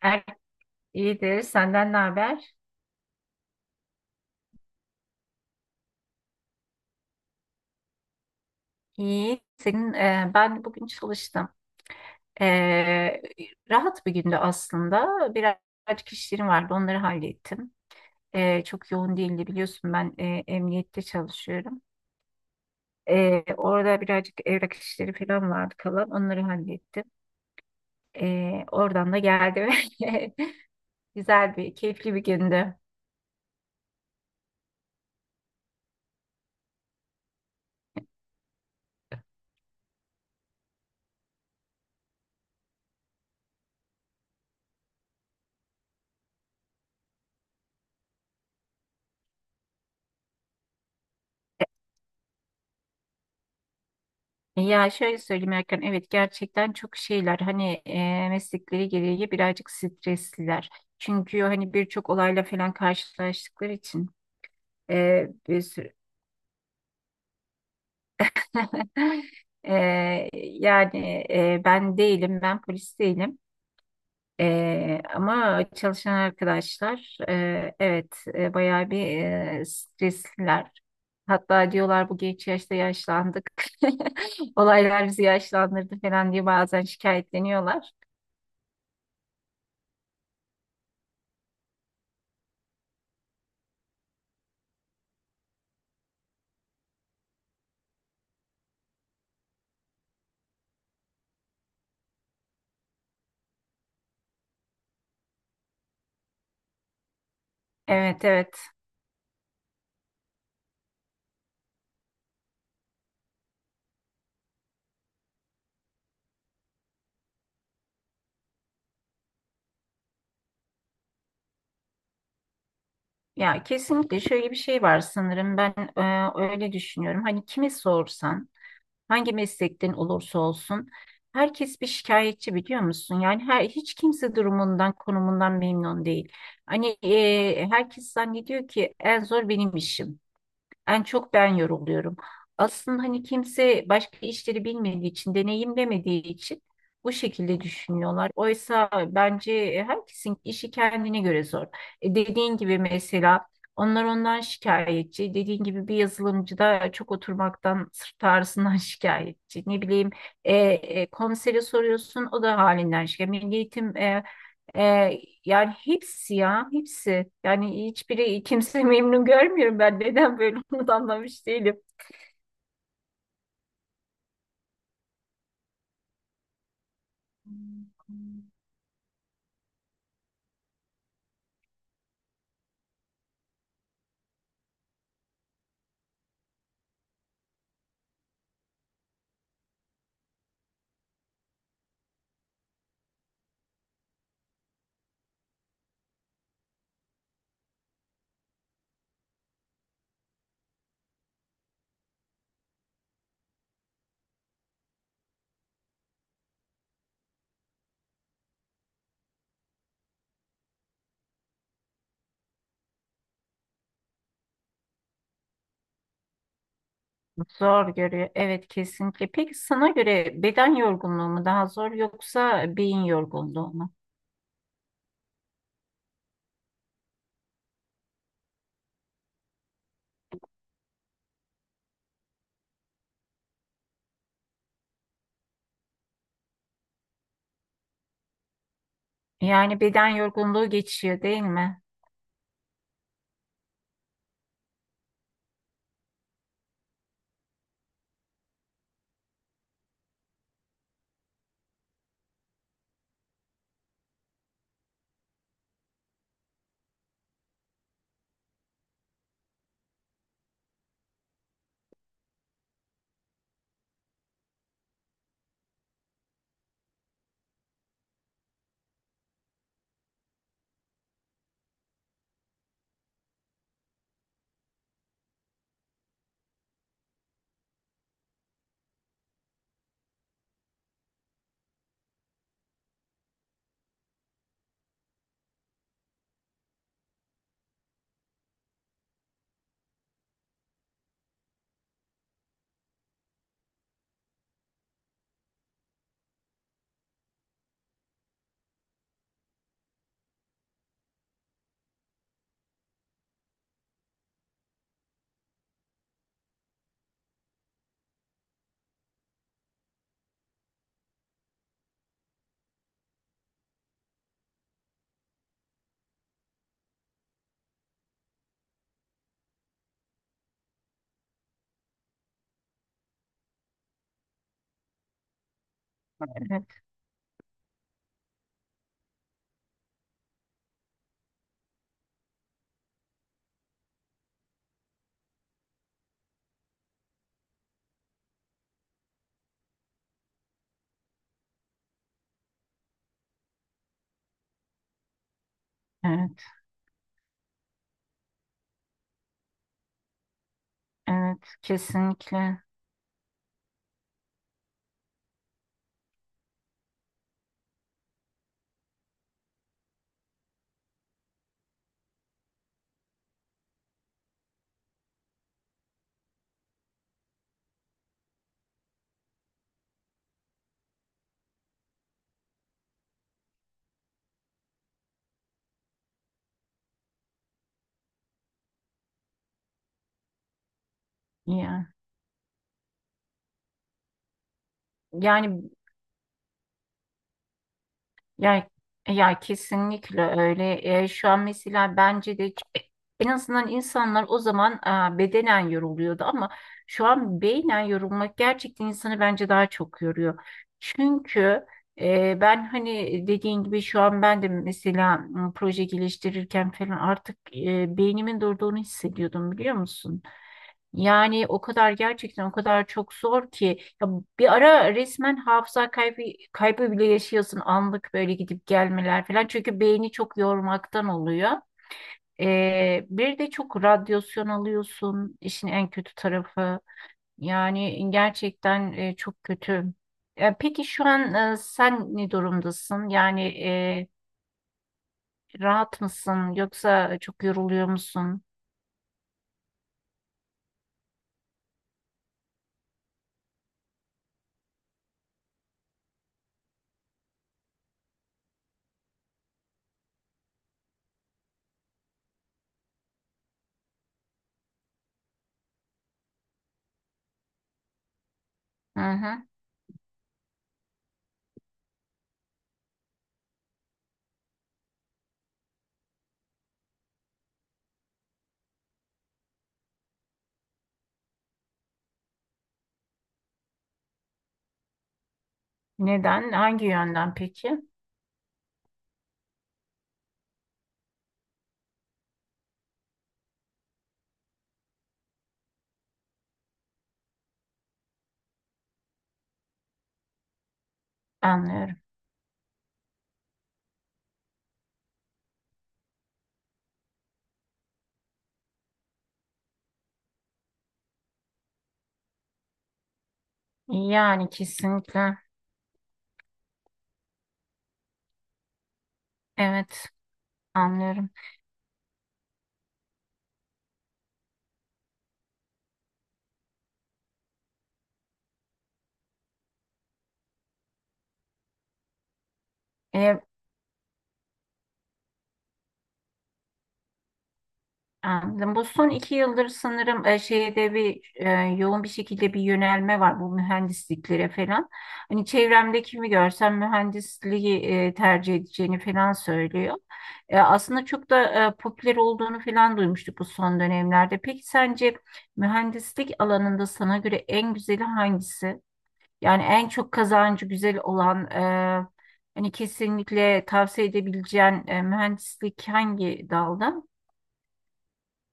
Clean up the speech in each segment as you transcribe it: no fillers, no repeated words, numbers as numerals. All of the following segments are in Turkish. Er, iyidir. Senden ne haber? İyi. Ben bugün çalıştım. E, Rahat bir gündü aslında. Birazcık işlerim vardı. Onları hallettim. Çok yoğun değildi. Biliyorsun ben emniyette çalışıyorum. Orada birazcık evrak işleri falan vardı kalan. Onları hallettim. Oradan da geldim. Güzel bir, keyifli bir gündü. Ya şöyle söyleyeyim Erkan, evet gerçekten çok şeyler hani meslekleri gereği birazcık stresliler. Çünkü hani birçok olayla falan karşılaştıkları için bir sürü... E, yani ben değilim, ben polis değilim. Ama çalışan arkadaşlar evet bayağı bir stresliler. Hatta diyorlar bu geç yaşta yaşlandık. Olaylar bizi yaşlandırdı falan diye bazen şikayetleniyorlar. Evet, evet. Ya kesinlikle şöyle bir şey var sanırım ben öyle düşünüyorum. Hani kimi sorsan, hangi meslekten olursa olsun herkes bir şikayetçi biliyor musun? Yani her hiç kimse durumundan, konumundan memnun değil. Hani herkes zannediyor ki en zor benim işim. En çok ben yoruluyorum. Aslında hani kimse başka işleri bilmediği için, deneyimlemediği için bu şekilde düşünüyorlar. Oysa bence herkesin işi kendine göre zor. Dediğin gibi mesela onlar ondan şikayetçi. Dediğin gibi bir yazılımcı da çok oturmaktan, sırt ağrısından şikayetçi. Ne bileyim komisere soruyorsun o da halinden şikayetçi. Milli Eğitim, yani hepsi ya hepsi. Yani hiçbiri, memnun görmüyorum ben. Neden böyle onu da anlamış değilim. Zor görüyor. Evet kesinlikle. Peki sana göre beden yorgunluğu mu daha zor yoksa beyin yorgunluğu mu? Yani beden yorgunluğu geçiyor değil mi? Evet, evet, evet kesinlikle. Yani, yani Ya, ya, kesinlikle öyle. Şu an mesela bence de ç- en azından insanlar o zaman bedenen yoruluyordu ama şu an beynen yorulmak gerçekten insanı bence daha çok yoruyor. Çünkü ben hani dediğin gibi şu an ben de mesela proje geliştirirken falan artık beynimin durduğunu hissediyordum biliyor musun? Yani o kadar gerçekten o kadar çok zor ki ya bir ara resmen hafıza kaybı bile yaşıyorsun anlık böyle gidip gelmeler falan çünkü beyni çok yormaktan oluyor. Bir de çok radyasyon alıyorsun işin en kötü tarafı yani gerçekten çok kötü. Peki şu an, sen ne durumdasın yani rahat mısın yoksa çok yoruluyor musun? Hı hı. Neden hangi yönden peki? Anlıyorum. Yani kesinlikle. Evet, anlıyorum. E, Anladım. Bu son iki yıldır sanırım şeyde bir yoğun bir şekilde bir yönelme var bu mühendisliklere falan. Hani çevremde kimi görsem mühendisliği tercih edeceğini falan söylüyor. Aslında çok da popüler olduğunu falan duymuştuk bu son dönemlerde. Peki sence mühendislik alanında sana göre en güzeli hangisi? Yani en çok kazancı güzel olan hani kesinlikle tavsiye edebileceğin mühendislik hangi dalda?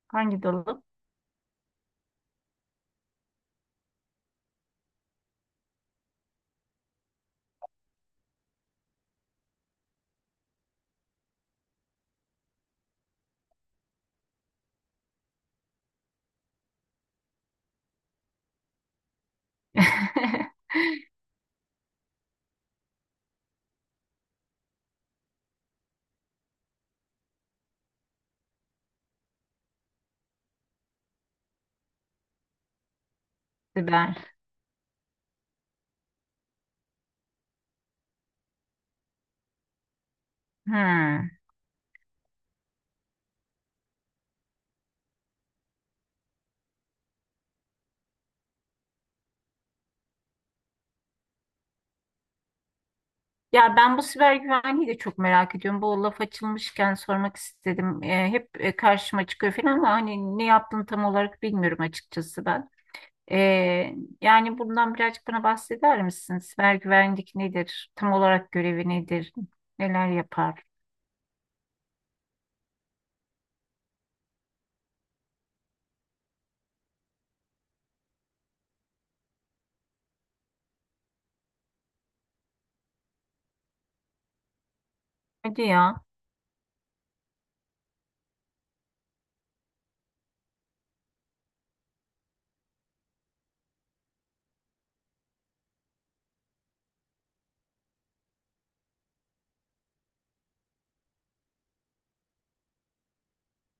Hangi dalı? Siber. Hmm. Ya ben bu siber güvenliği de çok merak ediyorum. Bu laf açılmışken sormak istedim. Hep karşıma çıkıyor falan ama hani ne yaptığını tam olarak bilmiyorum açıkçası ben. E, Yani bundan birazcık bana bahseder misin? Siber güvenlik nedir? Tam olarak görevi nedir? Neler yapar? Hadi ya.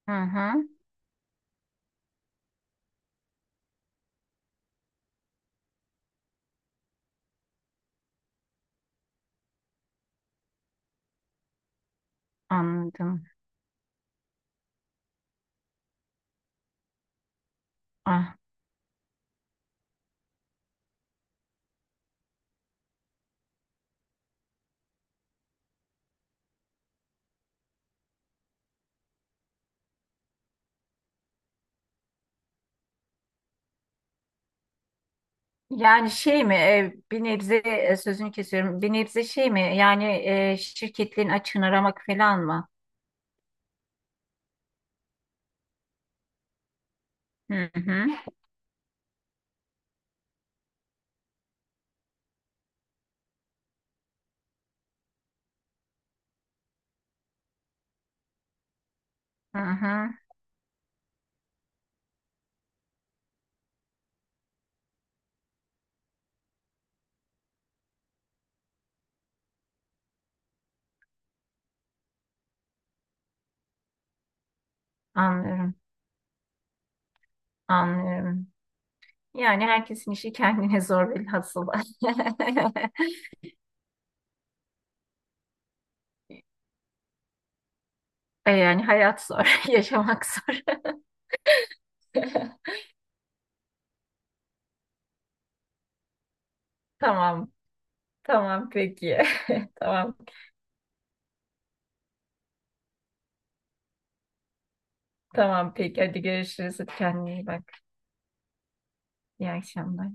Hı hı, anladım. Ah. Yani şey mi bir nebze sözünü kesiyorum. Bir nebze şey mi yani şirketlerin açığını aramak falan mı? Hı hı, hı hı, anlıyorum, anlıyorum. Yani herkesin işi kendine zor bilhassa. Yani hayat zor, yaşamak zor. Tamam, tamam peki. Tamam, tamam peki. Hadi görüşürüz. Kendine iyi bak. İyi akşamlar.